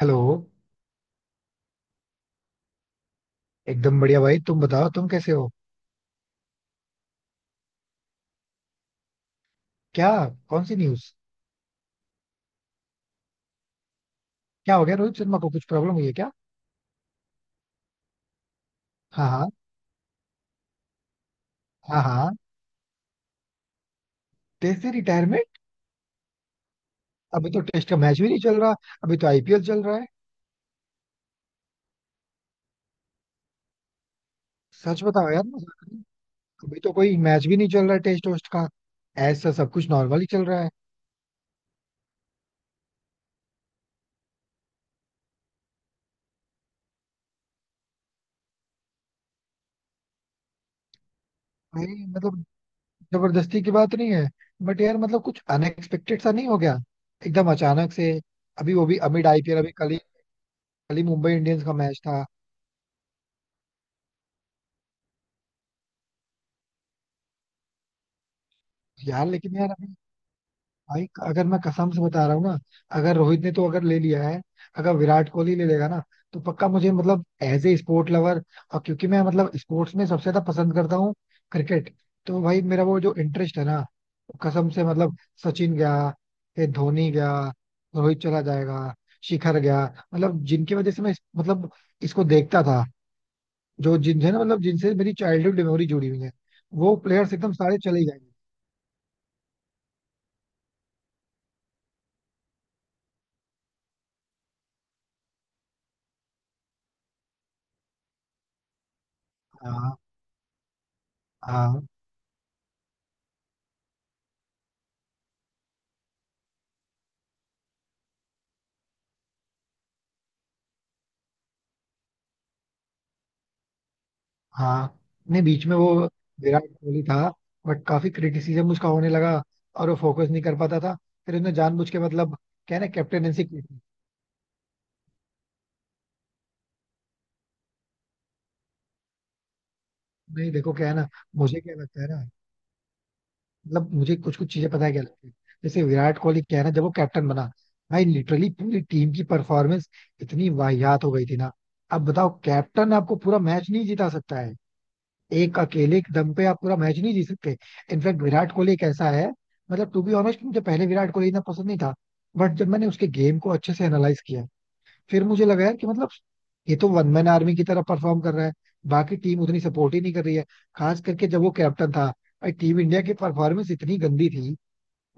Hello. एकदम बढ़िया भाई, तुम बताओ, तुम कैसे हो? क्या? कौन सी न्यूज़? क्या हो गया रोहित शर्मा को? कुछ प्रॉब्लम हुई है क्या? हाँ हाँ. हाँ हाँ. टेस्ट से रिटायरमेंट? अभी तो टेस्ट का मैच भी नहीं चल रहा. अभी तो आईपीएल चल रहा है. सच बताओ यार, अभी तो कोई मैच भी नहीं चल रहा है टेस्ट वेस्ट का. ऐसा सब कुछ नॉर्मल ही चल रहा है. भाई मतलब, जबरदस्ती की बात नहीं है. बट यार मतलब कुछ अनएक्सपेक्टेड सा नहीं हो गया? एकदम अचानक से. अभी वो भी अमिड आईपीएल. अभी कल ही, कल ही मुंबई इंडियंस का मैच था. यार लेकिन यार, भाई अगर मैं कसम से बता रहा हूँ ना, अगर रोहित ने तो अगर ले लिया है, अगर विराट कोहली ले लेगा ना, तो पक्का मुझे मतलब एज ए स्पोर्ट लवर, और क्योंकि मैं मतलब स्पोर्ट्स में सबसे ज्यादा पसंद करता हूँ क्रिकेट, तो भाई मेरा वो जो इंटरेस्ट है ना, वो कसम से मतलब सचिन गया, फिर धोनी गया, रोहित चला जाएगा, शिखर गया. मतलब जिनकी वजह से मैं मतलब इसको देखता था, जो जिनसे ना मतलब जिनसे मेरी चाइल्डहुड मेमोरी जुड़ी हुई है, वो प्लेयर्स एकदम सारे चले ही जाएंगे. हाँ हाँ हाँ. नहीं, बीच में वो विराट कोहली था. बट काफी क्रिटिसिज्म उसका होने लगा, और वो फोकस नहीं कर पाता था. फिर उसने जानबूझ के मतलब क्या है ना, कैप्टेनेंसी की थी. नहीं देखो क्या है ना, मुझे क्या लगता है ना, मतलब मुझे कुछ कुछ चीजें पता है क्या लगती है. जैसे विराट कोहली क्या है ना, जब वो कैप्टन बना, भाई लिटरली पूरी टीम की परफॉर्मेंस इतनी वाहियात हो गई थी ना. अब बताओ, कैप्टन आपको पूरा मैच नहीं जिता सकता है. एक अकेले के दम पे आप पूरा मैच नहीं जीत सकते. इनफैक्ट विराट कोहली एक ऐसा है, मतलब टू बी ऑनेस्ट मुझे पहले विराट कोहली इतना पसंद नहीं था. बट जब मैंने उसके गेम को अच्छे से एनालाइज किया, फिर मुझे लगा यार कि मतलब ये तो वन मैन आर्मी की तरह परफॉर्म कर रहा है. बाकी टीम उतनी सपोर्ट ही नहीं कर रही है, खास करके जब वो कैप्टन था. भाई टीम इंडिया की परफॉर्मेंस इतनी गंदी थी.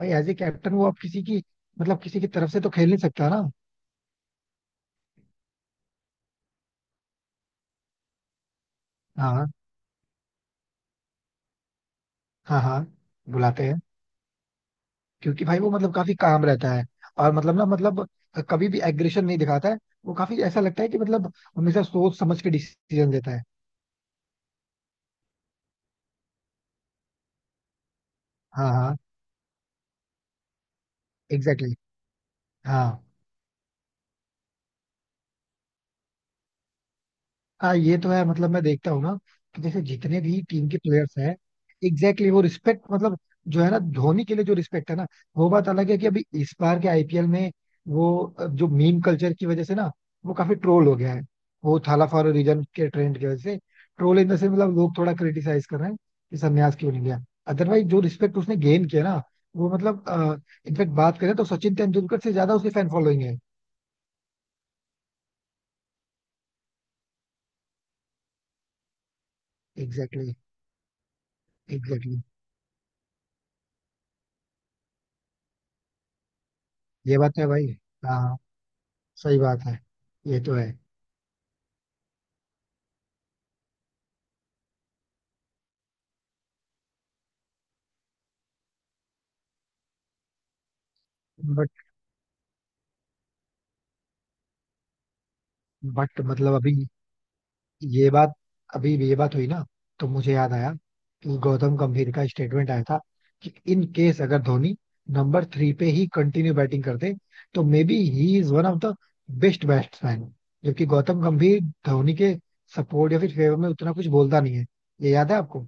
भाई एज ए कैप्टन वो आप किसी की मतलब किसी की तरफ से तो खेल नहीं सकता ना. हाँ हाँ. हाँ बुलाते हैं. क्योंकि भाई वो मतलब काफी काम रहता है, और मतलब ना मतलब कभी भी एग्रेशन नहीं दिखाता है. वो काफी ऐसा लगता है कि मतलब हमेशा सोच समझ के डिसीजन लेता है. हाँ हाँ. Exactly exactly. हाँ हाँ ये तो है. मतलब मैं देखता हूँ ना कि जैसे जितने भी टीम के प्लेयर्स हैं, एग्जैक्टली, वो रिस्पेक्ट मतलब, जो है ना, धोनी के लिए जो रिस्पेक्ट है ना, वो बात अलग है कि अभी इस बार के आईपीएल में वो जो मीम कल्चर की वजह से ना वो काफी ट्रोल हो गया है. वो थाला फॉर अ रीजन के ट्रेंड की वजह से ट्रोल इन द सेंस मतलब लोग थोड़ा क्रिटिसाइज कर रहे हैं कि संन्यास क्यों नहीं लिया. अदरवाइज जो रिस्पेक्ट उसने गेन किया ना, वो मतलब इनफेक्ट बात करें तो सचिन तेंदुलकर से ज्यादा उसकी फैन फॉलोइंग है. एग्जैक्टली. एग्जैक्टली. ये बात तो है भाई. हाँ हाँ. सही बात है. ये तो है. बट बट मतलब ये बात अभी ये बात हुई ना, तो मुझे याद आया कि गौतम गंभीर का स्टेटमेंट आया था कि इन केस अगर धोनी नंबर थ्री पे ही कंटिन्यू बैटिंग करते, तो maybe he is one of the best batsman. जबकि गौतम गंभीर धोनी के सपोर्ट या फिर फेवर में उतना कुछ बोलता नहीं है. ये याद है आपको?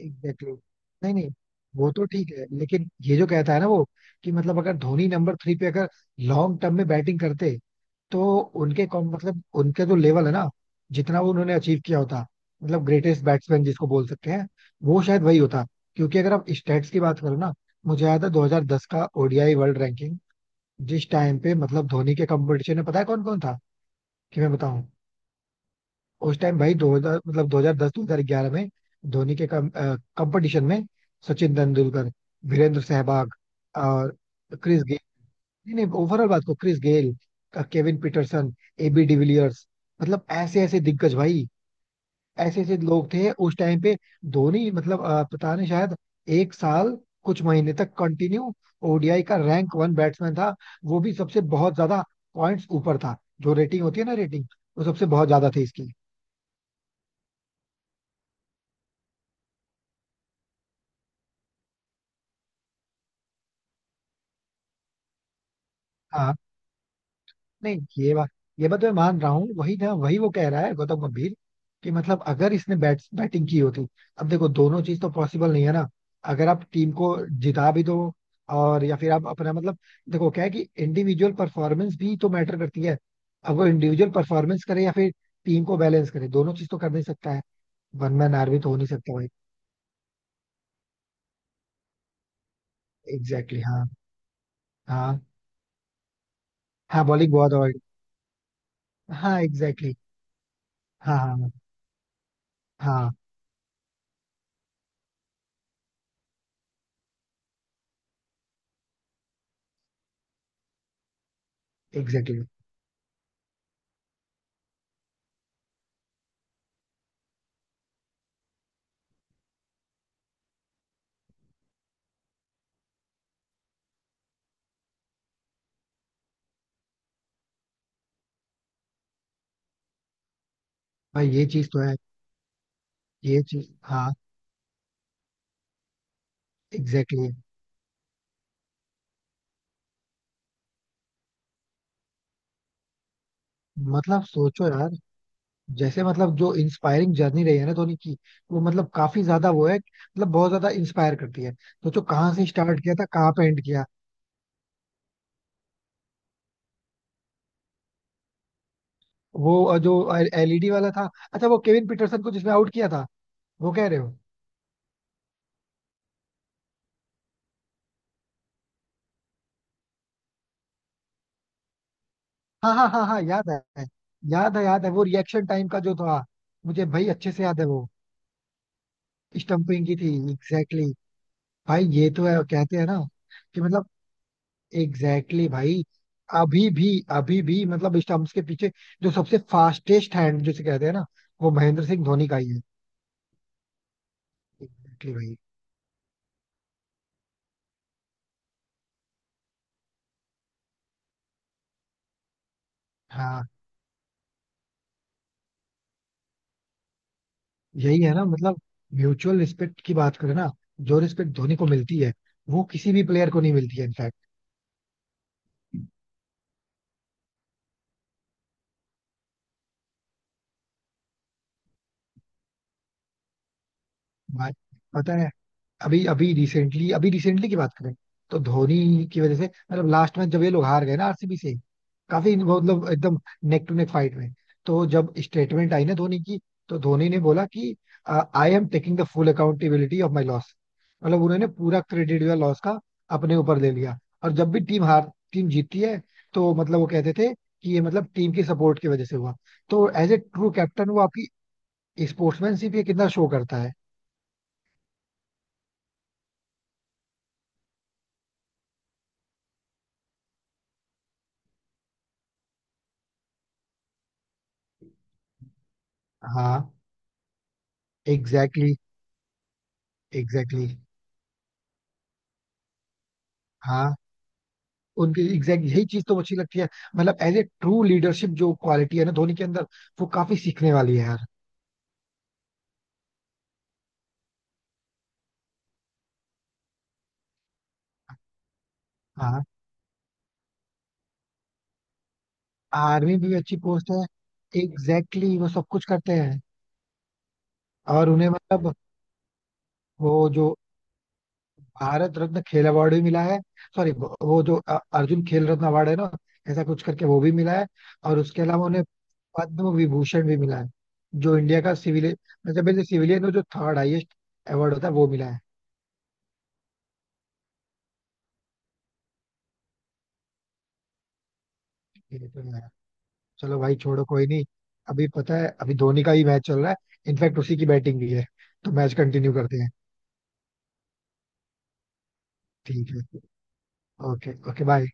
Exactly exactly. नहीं नहीं, वो तो ठीक है, लेकिन ये जो कहता है ना वो, कि मतलब अगर धोनी नंबर थ्री पे अगर लॉन्ग टर्म में बैटिंग करते, तो उनके कॉम मतलब उनके जो लेवल है ना, जितना वो उन्होंने अचीव किया होता, मतलब ग्रेटेस्ट बैट्समैन जिसको बोल सकते हैं, वो शायद वही होता. क्योंकि अगर आप स्टैट्स की बात करो ना, मुझे याद है 2010 का ओडीआई वर्ल्ड रैंकिंग. जिस टाइम पे मतलब धोनी के कंपटीशन में पता है कौन कौन था? कि मैं बताऊं, उस टाइम भाई 2000 मतलब 2010 2011 में धोनी के कंपटीशन में सचिन तेंदुलकर, वीरेंद्र सहवाग, और क्रिस, नहीं नहीं, ओवरऑल बात को, Chris Gayle, Kevin Pietersen, AB de Villiers, मतलब ऐसे ऐसे दिग्गज भाई, ऐसे ऐसे लोग थे उस टाइम पे. धोनी मतलब पता नहीं शायद एक साल कुछ महीने तक कंटिन्यू ओडीआई का रैंक वन बैट्समैन था. वो भी सबसे बहुत ज्यादा पॉइंट्स ऊपर था. जो रेटिंग होती है ना रेटिंग, वो सबसे बहुत ज्यादा थी इसकी. हाँ. नहीं, ये बात ये बात मैं मान रहा हूँ, वही ना वही वो कह रहा है गौतम गंभीर, कि मतलब अगर इसने बैटिंग की होती. अब देखो दोनों चीज तो पॉसिबल नहीं है ना. अगर आप टीम को जिता भी दो, और या फिर आप अपना मतलब, देखो क्या है कि इंडिविजुअल परफॉर्मेंस भी तो मैटर करती है. अब वो इंडिविजुअल परफॉर्मेंस करे या फिर टीम को बैलेंस करे, दोनों चीज तो कर नहीं सकता है. वन मैन आर्मी तो हो नहीं सकता भाई. एग्जैक्टली exactly, हाँ हाँ. हाँ बॉलिंग बहुत अवॉइड. हाँ एग्जैक्टली exactly, हाँ हाँ. हाँ एग्जैक्टली exactly. भाई ये चीज तो है. ये चीज हाँ. Exactly exactly. मतलब सोचो यार, जैसे मतलब जो इंस्पायरिंग जर्नी रही है ना धोनी की, वो मतलब काफी ज्यादा वो है, मतलब बहुत ज्यादा इंस्पायर करती है. सोचो कहाँ से स्टार्ट किया था, कहाँ पे एंड किया. वो जो एलईडी वाला था, अच्छा वो केविन पीटरसन को जिसमें आउट किया था, वो कह रहे हो? हाँ हाँ हाँ हाँ याद है. याद है याद है. वो रिएक्शन टाइम का जो था, मुझे भाई अच्छे से याद है वो. स्टंपिंग की थी. Exactly exactly. भाई ये तो है. कहते हैं ना कि मतलब एग्जैक्टली exactly भाई. अभी भी, अभी भी मतलब स्टंप्स के पीछे जो सबसे फास्टेस्ट हैंड जिसे कहते हैं ना, वो महेंद्र सिंह धोनी का ही है. एग्जैक्टली भाई. हाँ. यही है ना मतलब, म्यूचुअल रिस्पेक्ट की बात करें ना, जो रिस्पेक्ट धोनी को मिलती है, वो किसी भी प्लेयर को नहीं मिलती है. भाई पता है, अभी अभी रिसेंटली की बात करें तो, धोनी की वजह से मतलब लास्ट में जब ये लोग हार गए ना आरसीबी से, काफी वो मतलब एकदम नेक टू नेक फाइट में, तो जब स्टेटमेंट आई ना धोनी की, तो धोनी ने बोला कि I am taking the full accountability of my loss. मतलब उन्होंने पूरा क्रेडिट या लॉस का अपने ऊपर ले लिया. और जब भी टीम हार, टीम जीतती है, तो मतलब वो कहते थे कि ये मतलब टीम की सपोर्ट की वजह से हुआ. तो एज ए ट्रू कैप्टन वो आपकी स्पोर्ट्समैनशिप ये कितना शो करता है. हाँ एग्जैक्टली exactly, एग्जैक्टली exactly. हाँ. उनकी एग्जैक्ट यही चीज तो अच्छी लगती है, मतलब एज ए ट्रू लीडरशिप जो क्वालिटी है ना धोनी के अंदर, वो काफी सीखने वाली है यार. हाँ आर्मी भी अच्छी पोस्ट है. एग्जैक्टली exactly, वो सब कुछ करते हैं. और उन्हें मतलब वो जो भारत रत्न खेल अवार्ड भी मिला है. सॉरी, वो जो अर्जुन खेल रत्न अवार्ड है ना, ऐसा कुछ करके वो भी मिला है. और उसके अलावा उन्हें पद्म विभूषण भी मिला है जो इंडिया का सिविलियन, मतलब सिविलियन जो थर्ड हाईएस्ट अवार्ड होता है, वो मिला है. ये तो है. चलो भाई छोड़ो, कोई नहीं. अभी पता है अभी धोनी का ही मैच चल रहा है. इनफैक्ट उसी की बैटिंग भी है. तो मैच कंटिन्यू करते हैं. ठीक है. Okay okay bye.